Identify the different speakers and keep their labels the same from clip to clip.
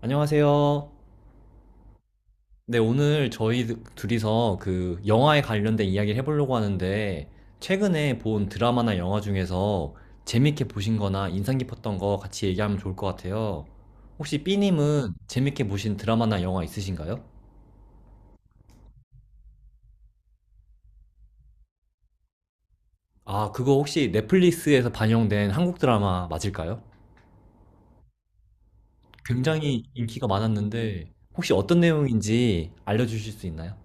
Speaker 1: 안녕하세요. 네, 오늘 저희 둘이서 그 영화에 관련된 이야기를 해보려고 하는데, 최근에 본 드라마나 영화 중에서 재밌게 보신 거나 인상 깊었던 거 같이 얘기하면 좋을 것 같아요. 혹시 B님은 재밌게 보신 드라마나 영화 있으신가요? 아, 그거 혹시 넷플릭스에서 반영된 한국 드라마 맞을까요? 굉장히 인기가 많았는데, 혹시 어떤 내용인지 알려주실 수 있나요?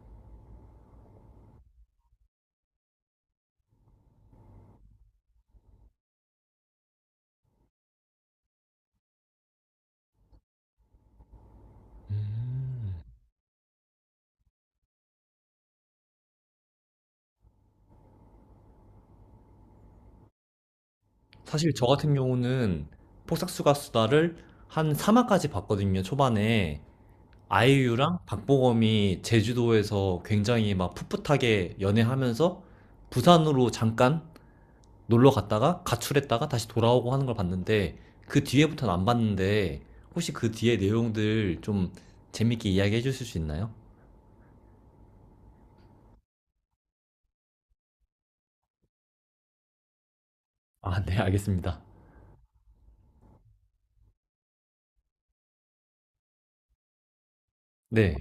Speaker 1: 사실 저 같은 경우는 폭삭수가 수다를 한 3화까지 봤거든요. 초반에 아이유랑 박보검이 제주도에서 굉장히 막 풋풋하게 연애하면서 부산으로 잠깐 놀러 갔다가 가출했다가 다시 돌아오고 하는 걸 봤는데, 그 뒤에부터는 안 봤는데, 혹시 그 뒤에 내용들 좀 재밌게 이야기해 주실 수 있나요? 아, 네, 알겠습니다. 네.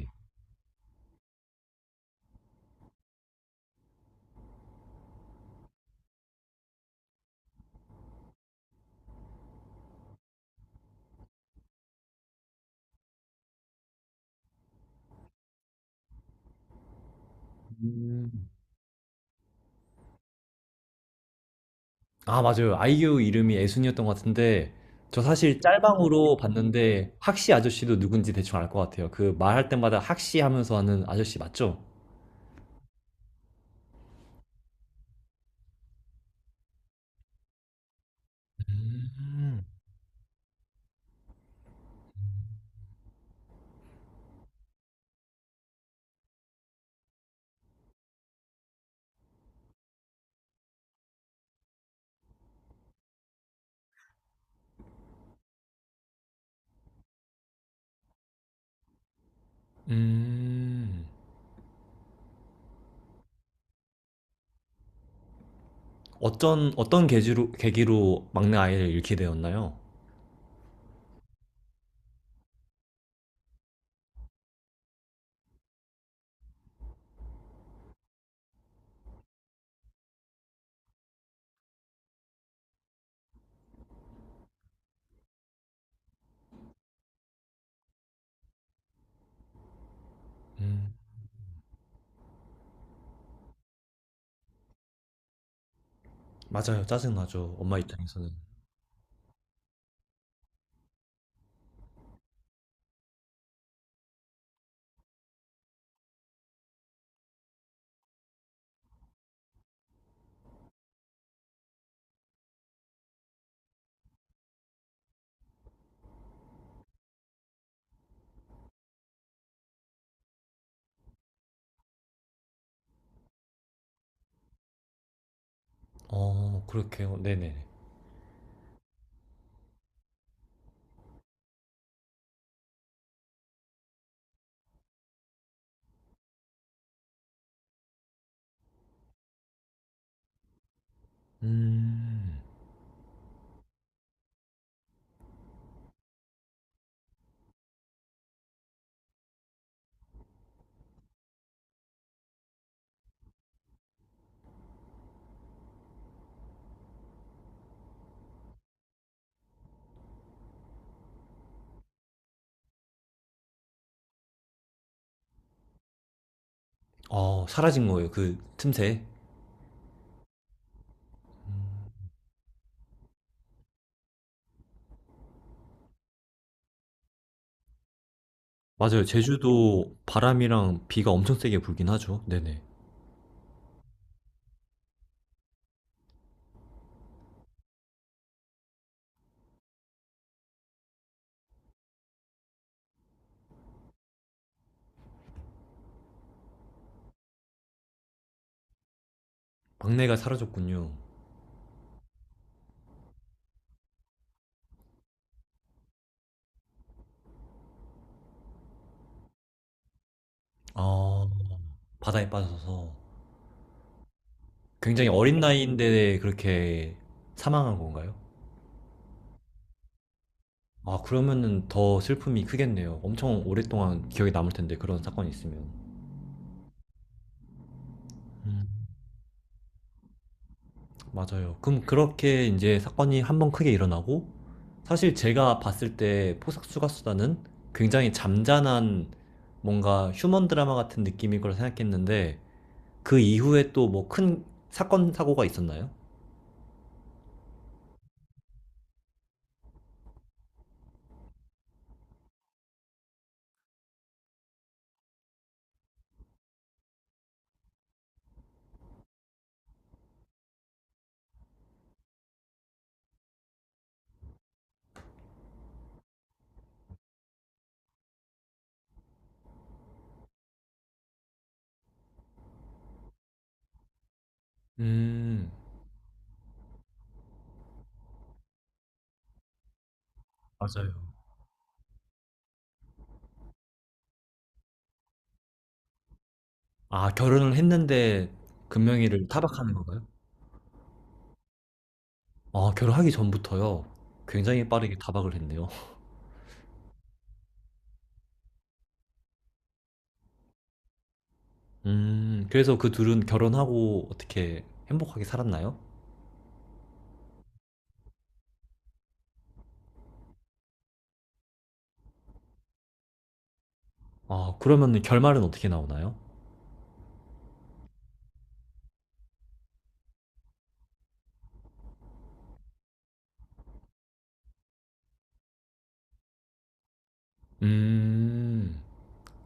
Speaker 1: 음. 아, 맞아요. 아이유 이름이 애순이었던 것 같은데, 저 사실 짤방으로 봤는데, 학시 아저씨도 누군지 대충 알 것 같아요. 그 말할 때마다 학시 하면서 하는 아저씨 맞죠? 음. 음. 어떤, 어떤 계기로, 계기로 막내 아이를 잃게 되었나요? 음. 맞아요. 짜증나죠. 엄마 입장에서는. 어, 그렇게요. 네네네. 음. 어, 사라진 거예요. 그 틈새. 맞아요. 제주도 바람이랑 비가 엄청 세게 불긴 하죠. 네네. 막내가 사라졌군요. 어, 바다에 빠져서. 굉장히 어린 나이인데 그렇게 사망한 건가요? 아, 그러면은 더 슬픔이 크겠네요. 엄청 오랫동안 기억에 남을 텐데, 그런 사건이 있으면. 음, 맞아요. 그럼 그렇게 이제 사건이 한번 크게 일어나고, 사실 제가 봤을 때 포석 수가수다는 굉장히 잠잔한 뭔가 휴먼 드라마 같은 느낌일 거라 생각했는데, 그 이후에 또 뭐 큰 사건, 사고가 있었나요? 음, 맞아요. 아, 결혼을 했는데 금명이를 타박하는 건가요? 아, 결혼하기 전부터요. 굉장히 빠르게 타박을 했네요. 그래서 그 둘은 결혼하고 어떻게 행복하게 살았나요? 아, 그러면 결말은 어떻게 나오나요? 음,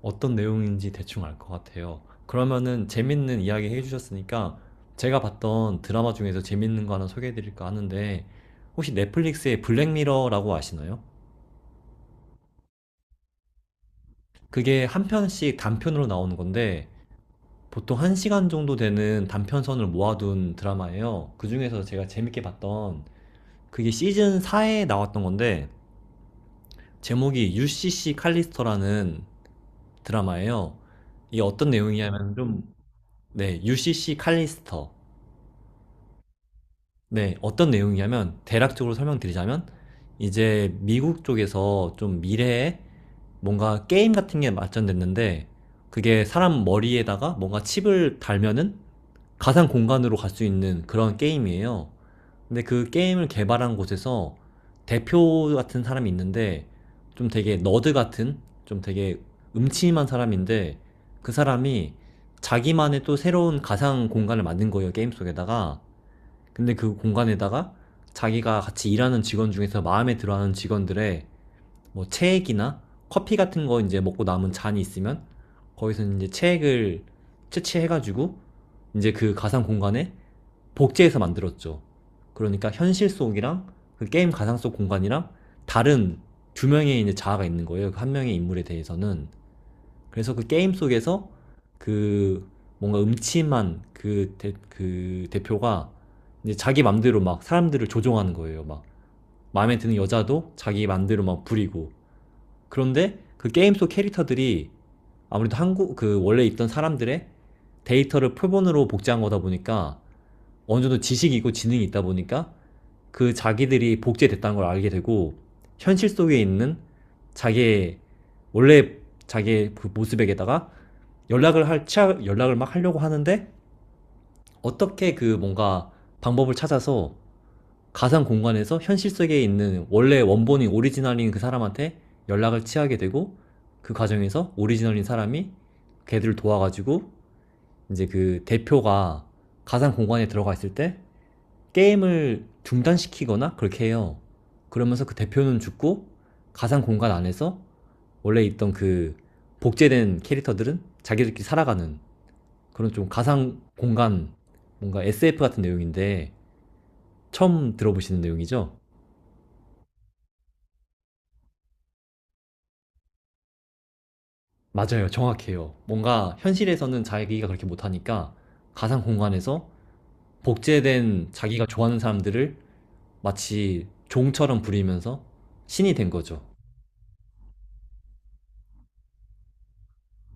Speaker 1: 어떤 내용인지 대충 알 것 같아요. 그러면은 재밌는 이야기 해주셨으니까 제가 봤던 드라마 중에서 재밌는 거 하나 소개해드릴까 하는데 혹시 넷플릭스의 블랙미러라고 아시나요? 그게 한 편씩 단편으로 나오는 건데 보통 1시간 정도 되는 단편선을 모아둔 드라마예요. 그 중에서 제가 재밌게 봤던 그게 시즌 4에 나왔던 건데 제목이 UCC 칼리스터라는 드라마예요. 이게 어떤 내용이냐면 좀. 네, UCC 칼리스터. 네, 어떤 내용이냐면 대략적으로 설명드리자면, 이제 미국 쪽에서 좀 미래에 뭔가 게임 같은 게 발전됐는데, 그게 사람 머리에다가 뭔가 칩을 달면은 가상 공간으로 갈 수 있는 그런 게임이에요. 근데 그 게임을 개발한 곳에서 대표 같은 사람이 있는데 좀 되게 너드 같은, 좀 되게 음침한 사람인데, 그 사람이 자기만의 또 새로운 가상 공간을 만든 거예요. 게임 속에다가. 근데 그 공간에다가 자기가 같이 일하는 직원 중에서 마음에 들어하는 직원들의 뭐 체액이나 커피 같은 거 이제 먹고 남은 잔이 있으면 거기서 이제 체액을 채취해가지고 이제 그 가상 공간에 복제해서 만들었죠. 그러니까 현실 속이랑 그 게임 가상 속 공간이랑 다른 두 명의 이제 자아가 있는 거예요. 그 한 명의 인물에 대해서는. 그래서 그 게임 속에서 그, 뭔가 음침한 그 대표가 이제 자기 맘대로 막 사람들을 조종하는 거예요. 막 마음에 드는 여자도 자기 맘대로 막 부리고. 그런데 그 게임 속 캐릭터들이 아무래도 한국 그 원래 있던 사람들의 데이터를 표본으로 복제한 거다 보니까 어느 정도 지식이 있고 지능이 있다 보니까 그 자기들이 복제됐다는 걸 알게 되고 현실 속에 있는 자기의 원래 자기의 그 모습에게다가 연락을 막 하려고 하는데 어떻게 그 뭔가 방법을 찾아서 가상 공간에서 현실 속에 있는 원래 원본인 오리지널인 그 사람한테 연락을 취하게 되고, 그 과정에서 오리지널인 사람이 걔들을 도와가지고 이제 그 대표가 가상 공간에 들어가 있을 때 게임을 중단시키거나 그렇게 해요. 그러면서 그 대표는 죽고 가상 공간 안에서 원래 있던 그 복제된 캐릭터들은 자기들끼리 살아가는, 그런 좀 가상 공간, 뭔가 SF 같은 내용인데, 처음 들어보시는 내용이죠? 맞아요. 정확해요. 뭔가 현실에서는 자기가 그렇게 못하니까 가상 공간에서 복제된 자기가 좋아하는 사람들을 마치 종처럼 부리면서 신이 된 거죠.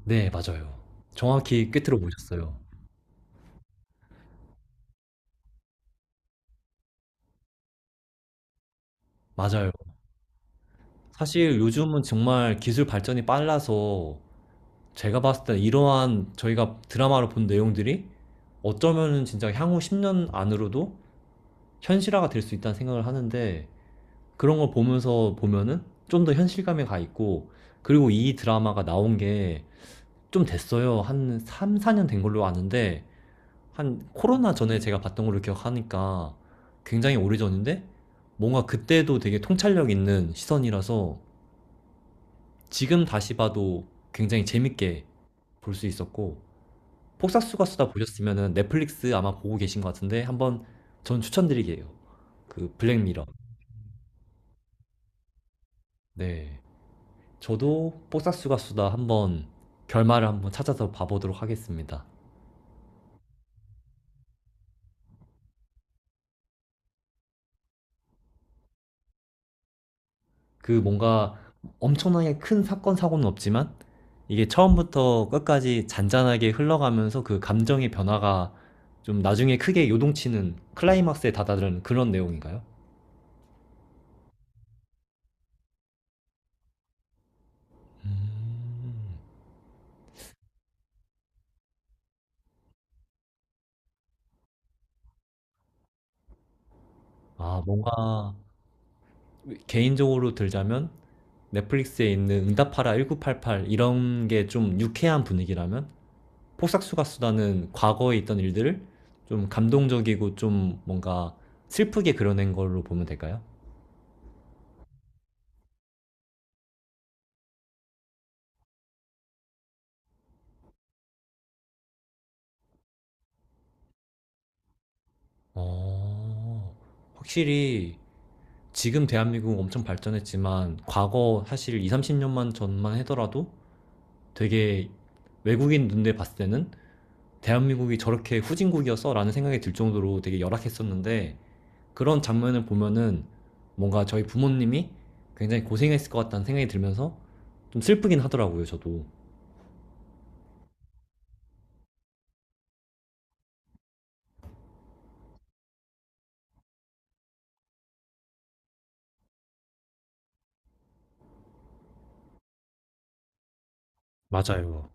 Speaker 1: 네, 맞아요. 정확히 꿰뚫어 보셨어요. 맞아요. 사실 요즘은 정말 기술 발전이 빨라서 제가 봤을 때 이러한 저희가 드라마로 본 내용들이 어쩌면은 진짜 향후 10년 안으로도 현실화가 될 수 있다는 생각을 하는데, 그런 걸 보면서 보면은 좀 더 현실감에 가 있고, 그리고 이 드라마가 나온 게 좀 됐어요. 한 3, 4년 된 걸로 아는데, 한 코로나 전에 제가 봤던 걸로 기억하니까 굉장히 오래전인데, 뭔가 그때도 되게 통찰력 있는 시선이라서 지금 다시 봐도 굉장히 재밌게 볼 수 있었고, 폭삭수가 수다 보셨으면은 넷플릭스 아마 보고 계신 것 같은데, 한번 전 추천드리게요. 그 블랙미러. 네. 저도 폭삭수가 수다 한번 결말을 한번 찾아서 봐보도록 하겠습니다. 그 뭔가 엄청나게 큰 사건 사고는 없지만 이게 처음부터 끝까지 잔잔하게 흘러가면서 그 감정의 변화가 좀 나중에 크게 요동치는 클라이막스에 다다른 그런 내용인가요? 음. 아, 뭔가 개인적으로 들자면, 넷플릭스에 있는 응답하라 1988 이런 게 좀 유쾌한 분위기라면 폭삭수가 수다는 과거에 있던 일들을 좀 감동적이고 좀 뭔가 슬프게 그려낸 걸로 보면 될까요? 어, 확실히 지금 대한민국은 엄청 발전했지만 과거 사실 2, 30년만 전만 하더라도 되게 외국인 눈에 봤을 때는 대한민국이 저렇게 후진국이었어? 라는 생각이 들 정도로 되게 열악했었는데, 그런 장면을 보면은 뭔가 저희 부모님이 굉장히 고생했을 것 같다는 생각이 들면서 좀 슬프긴 하더라고요, 저도. 맞아요.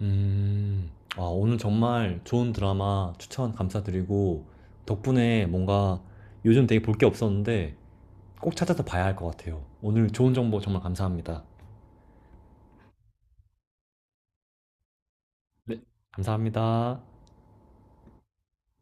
Speaker 1: 음. 아, 오늘 정말 좋은 드라마 추천 감사드리고, 덕분에 뭔가 요즘 되게 볼 게 없었는데 꼭 찾아서 봐야 할 것 같아요. 오늘 좋은 정보 정말 감사합니다. 네. 감사합니다.